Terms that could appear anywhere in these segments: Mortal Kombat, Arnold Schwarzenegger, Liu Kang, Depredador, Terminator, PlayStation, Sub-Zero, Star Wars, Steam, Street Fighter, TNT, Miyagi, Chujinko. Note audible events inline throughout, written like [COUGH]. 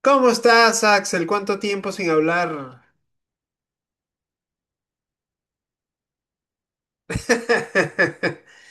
¿Cómo estás, Axel? ¿Cuánto tiempo sin hablar? [LAUGHS]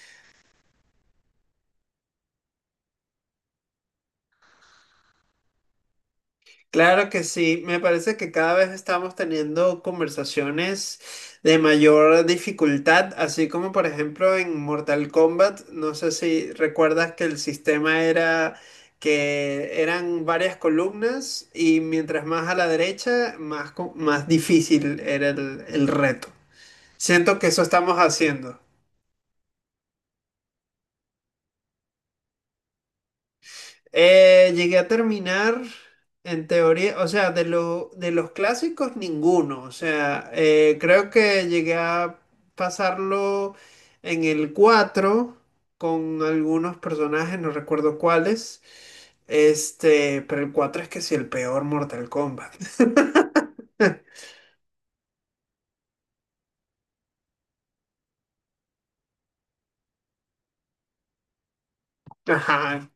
Claro que sí, me parece que cada vez estamos teniendo conversaciones de mayor dificultad, así como por ejemplo en Mortal Kombat. No sé si recuerdas que el sistema era que eran varias columnas, y mientras más a la derecha, más, más difícil era el reto. Siento que eso estamos haciendo. Llegué a terminar, en teoría, o sea, de los clásicos ninguno. O sea, creo que llegué a pasarlo en el 4 con algunos personajes, no recuerdo cuáles, pero el 4 es que sí, el peor Mortal Kombat. [LAUGHS] Ajá.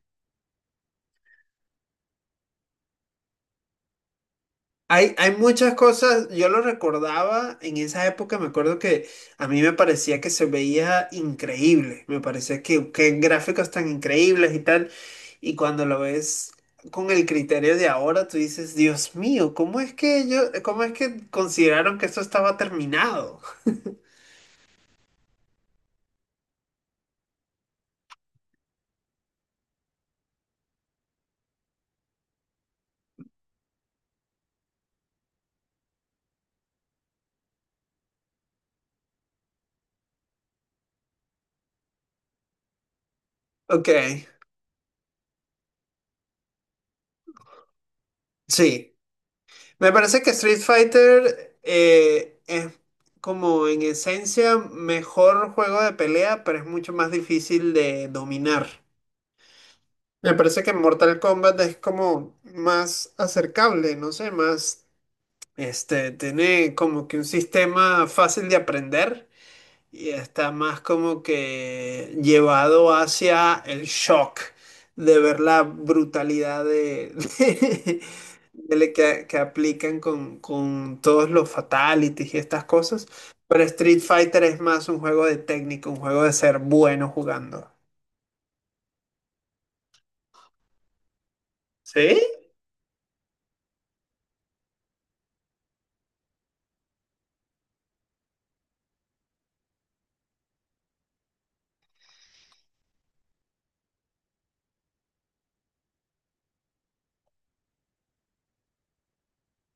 Hay muchas cosas, yo lo recordaba en esa época, me acuerdo que a mí me parecía que se veía increíble, me parecía que qué gráficos tan increíbles y tal, y cuando lo ves con el criterio de ahora, tú dices, Dios mío, ¿cómo es que ellos, cómo es que consideraron que esto estaba terminado? [LAUGHS] Ok, sí. Me parece que Street Fighter es como en esencia mejor juego de pelea, pero es mucho más difícil de dominar. Me parece que Mortal Kombat es como más acercable, no sé, más, tiene como que un sistema fácil de aprender, y está más como que llevado hacia el shock de ver la brutalidad de, [LAUGHS] de que aplican con todos los fatalities y estas cosas. Pero Street Fighter es más un juego de técnica, un juego de ser bueno jugando. ¿Sí?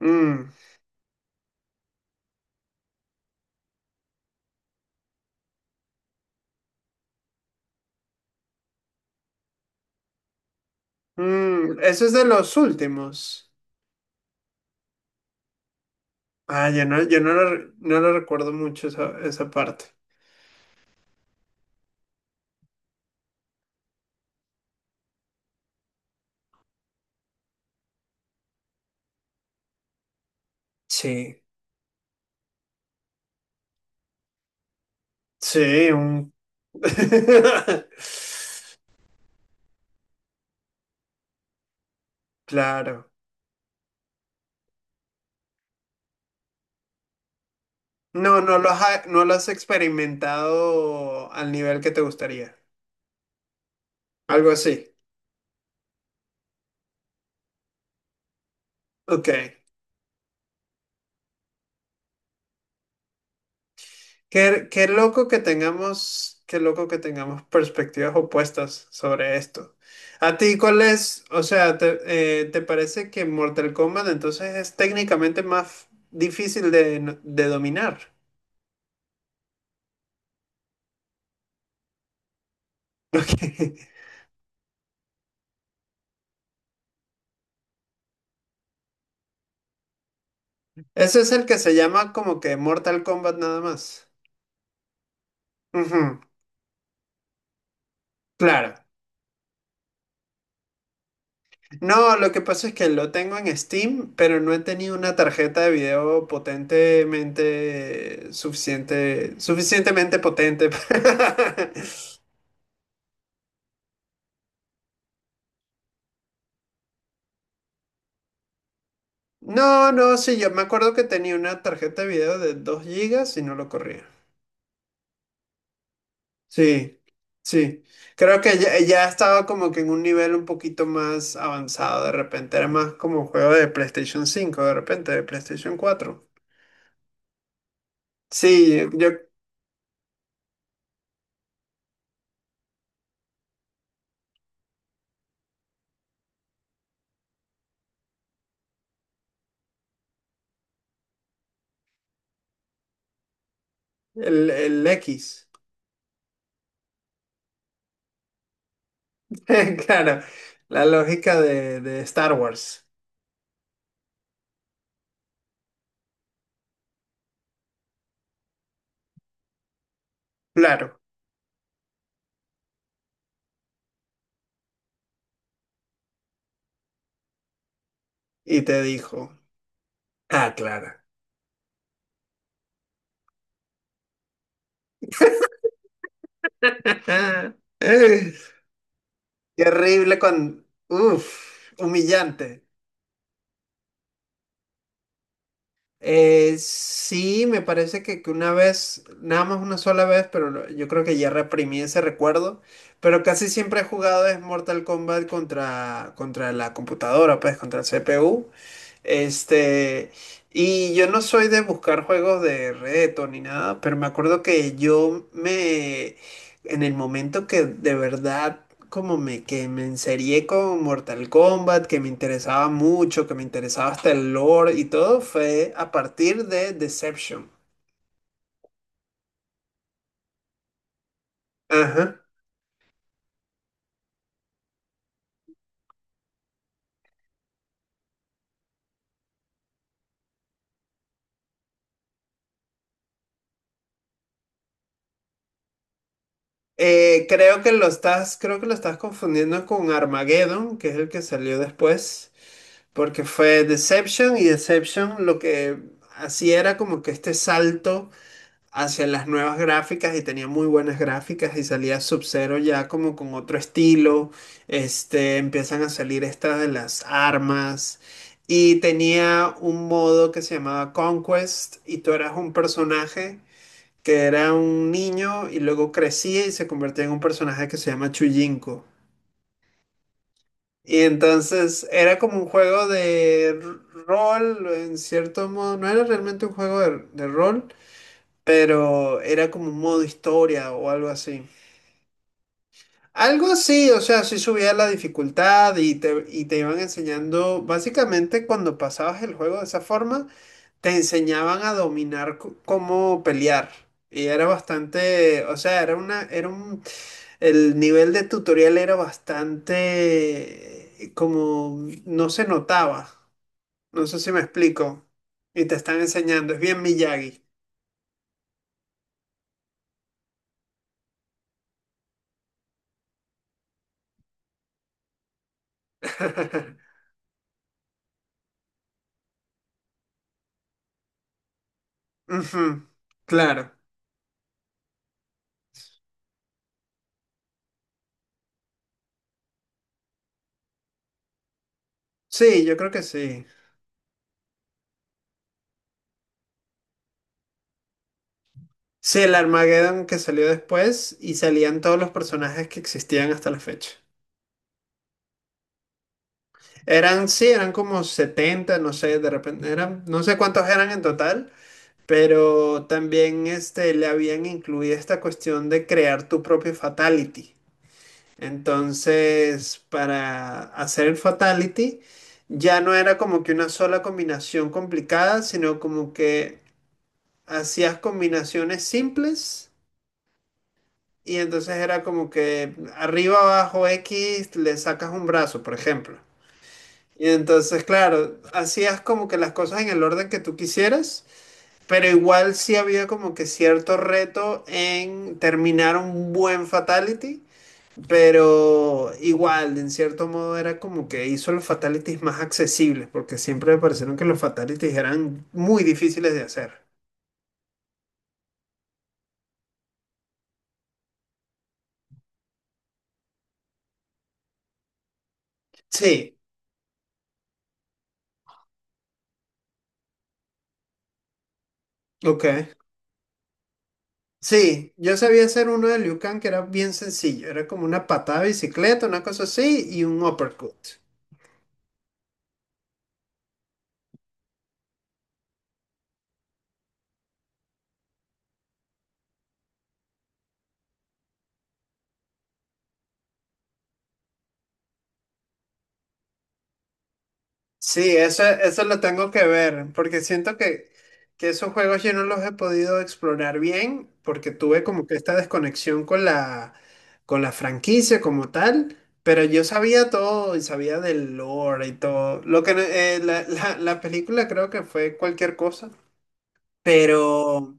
Mm. Mm, eso es de los últimos. Ah, yo no, yo no lo, no lo recuerdo mucho esa, esa parte. Sí, sí, un... [LAUGHS] Claro. No, no lo has, no lo has experimentado al nivel que te gustaría. Algo así. Ok. Qué qué loco que tengamos, qué loco que tengamos perspectivas opuestas sobre esto. ¿A ti cuál es? O sea, te, ¿te parece que Mortal Kombat entonces es técnicamente más difícil de, de dominar? [LAUGHS] Ese es el que se llama como que Mortal Kombat nada más. Ujú, claro. No, lo que pasa es que lo tengo en Steam, pero no he tenido una tarjeta de video potentemente suficiente, suficientemente potente [LAUGHS] para... No, no, sí, yo me acuerdo que tenía una tarjeta de video de 2 gigas y no lo corría. Sí, sí. Creo que ya ya estaba como que en un nivel un poquito más avanzado. De repente era más como un juego de PlayStation cinco, de repente de PlayStation cuatro. Sí, yo, el X. [LAUGHS] Claro, la lógica de de Star Wars. Claro. Y te dijo. Ah, claro. [LAUGHS] Qué horrible con... Uf, humillante. Sí, me parece que una vez, nada más una sola vez, pero yo creo que ya reprimí ese recuerdo. Pero casi siempre he jugado es Mortal Kombat contra, contra la computadora, pues contra el CPU. Este, y yo no soy de buscar juegos de reto ni nada, pero me acuerdo que yo me, en el momento que de verdad como me, que me enserié con Mortal Kombat, que me interesaba mucho, que me interesaba hasta el lore y todo, fue a partir de Deception. Ajá. Creo que lo estás, creo que lo estás confundiendo con Armageddon, que es el que salió después. Porque fue Deception, y Deception lo que hacía era como que este salto hacia las nuevas gráficas, y tenía muy buenas gráficas, y salía Sub-Zero ya como con otro estilo. Empiezan a salir estas de las armas, y tenía un modo que se llamaba Conquest, y tú eras un personaje que era un niño y luego crecía y se convertía en un personaje que se llama Chujinko. Y entonces era como un juego de rol, en cierto modo. No era realmente un juego de rol, pero era como un modo historia o algo así. Algo así, o sea, sí subía la dificultad, y te iban enseñando. Básicamente cuando pasabas el juego de esa forma, te enseñaban a dominar cómo pelear. Y era bastante, o sea, era una, era un, el nivel de tutorial era bastante como, no se notaba. No sé si me explico. Y te están enseñando, es bien Miyagi. [LAUGHS] Ujú. Claro. Sí, yo creo que sí. Sí, el Armageddon que salió después, y salían todos los personajes que existían hasta la fecha. Eran, sí, eran como 70, no sé, de repente eran, no sé cuántos eran en total, pero también le habían incluido esta cuestión de crear tu propio fatality. Entonces, para hacer el fatality, ya no era como que una sola combinación complicada, sino como que hacías combinaciones simples. Y entonces era como que arriba, abajo, X, le sacas un brazo, por ejemplo. Y entonces, claro, hacías como que las cosas en el orden que tú quisieras, pero igual sí había como que cierto reto en terminar un buen fatality. Pero igual, en cierto modo, era como que hizo los fatalities más accesibles, porque siempre me parecieron que los fatalities eran muy difíciles de hacer. Sí, ok. Sí, yo sabía hacer uno de Liu Kang que era bien sencillo. Era como una patada de bicicleta, una cosa así, y un uppercut. Sí, eso eso lo tengo que ver, porque siento que esos juegos yo no los he podido explorar bien, porque tuve como que esta desconexión con la franquicia como tal, pero yo sabía todo y sabía del lore y todo. Lo que la, la película creo que fue cualquier cosa, pero...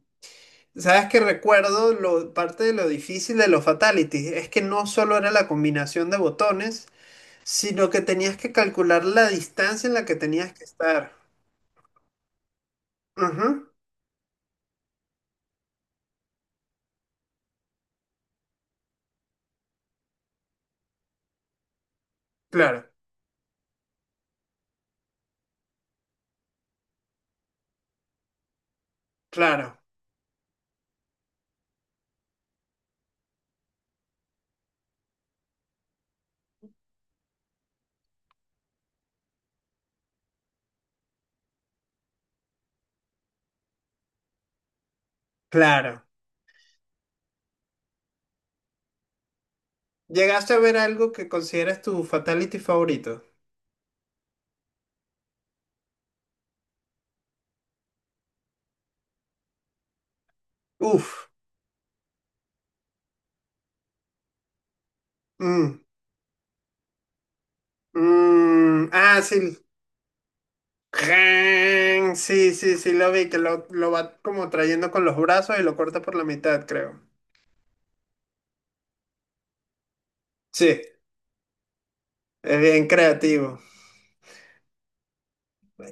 Sabes que recuerdo lo, parte de lo difícil de los fatalities, es que no solo era la combinación de botones, sino que tenías que calcular la distancia en la que tenías que estar. Ujú. Claro, claro, claro. ¿Llegaste a ver algo que consideras tu fatality favorito? Uf. Mm, mm, ah, sí. Ren, sí, sí, sí, lo vi, que lo va como trayendo con los brazos y lo corta por la mitad, creo. Sí, es bien creativo.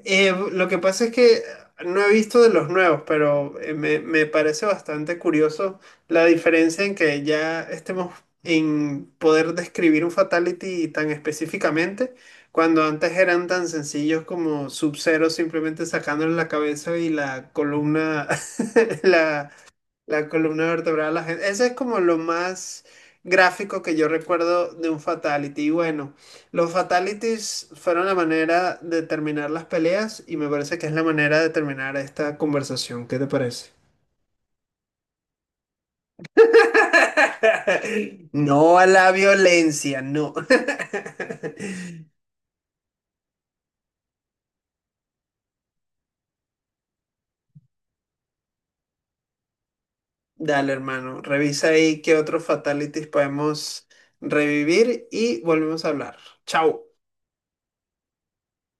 Lo que pasa es que no he visto de los nuevos, pero me me parece bastante curioso la diferencia en que ya estemos en poder describir un fatality tan específicamente, cuando antes eran tan sencillos como Sub-Zero simplemente sacándole la cabeza y la columna, [LAUGHS] la, la columna vertebral, la gente. Ese es como lo más gráfico que yo recuerdo de un fatality. Y bueno, los fatalities fueron la manera de terminar las peleas, y me parece que es la manera de terminar esta conversación. ¿Qué te parece? [LAUGHS] No a la violencia, no. [LAUGHS] Dale, hermano, revisa ahí qué otros fatalities podemos revivir, y volvemos a hablar. Chao.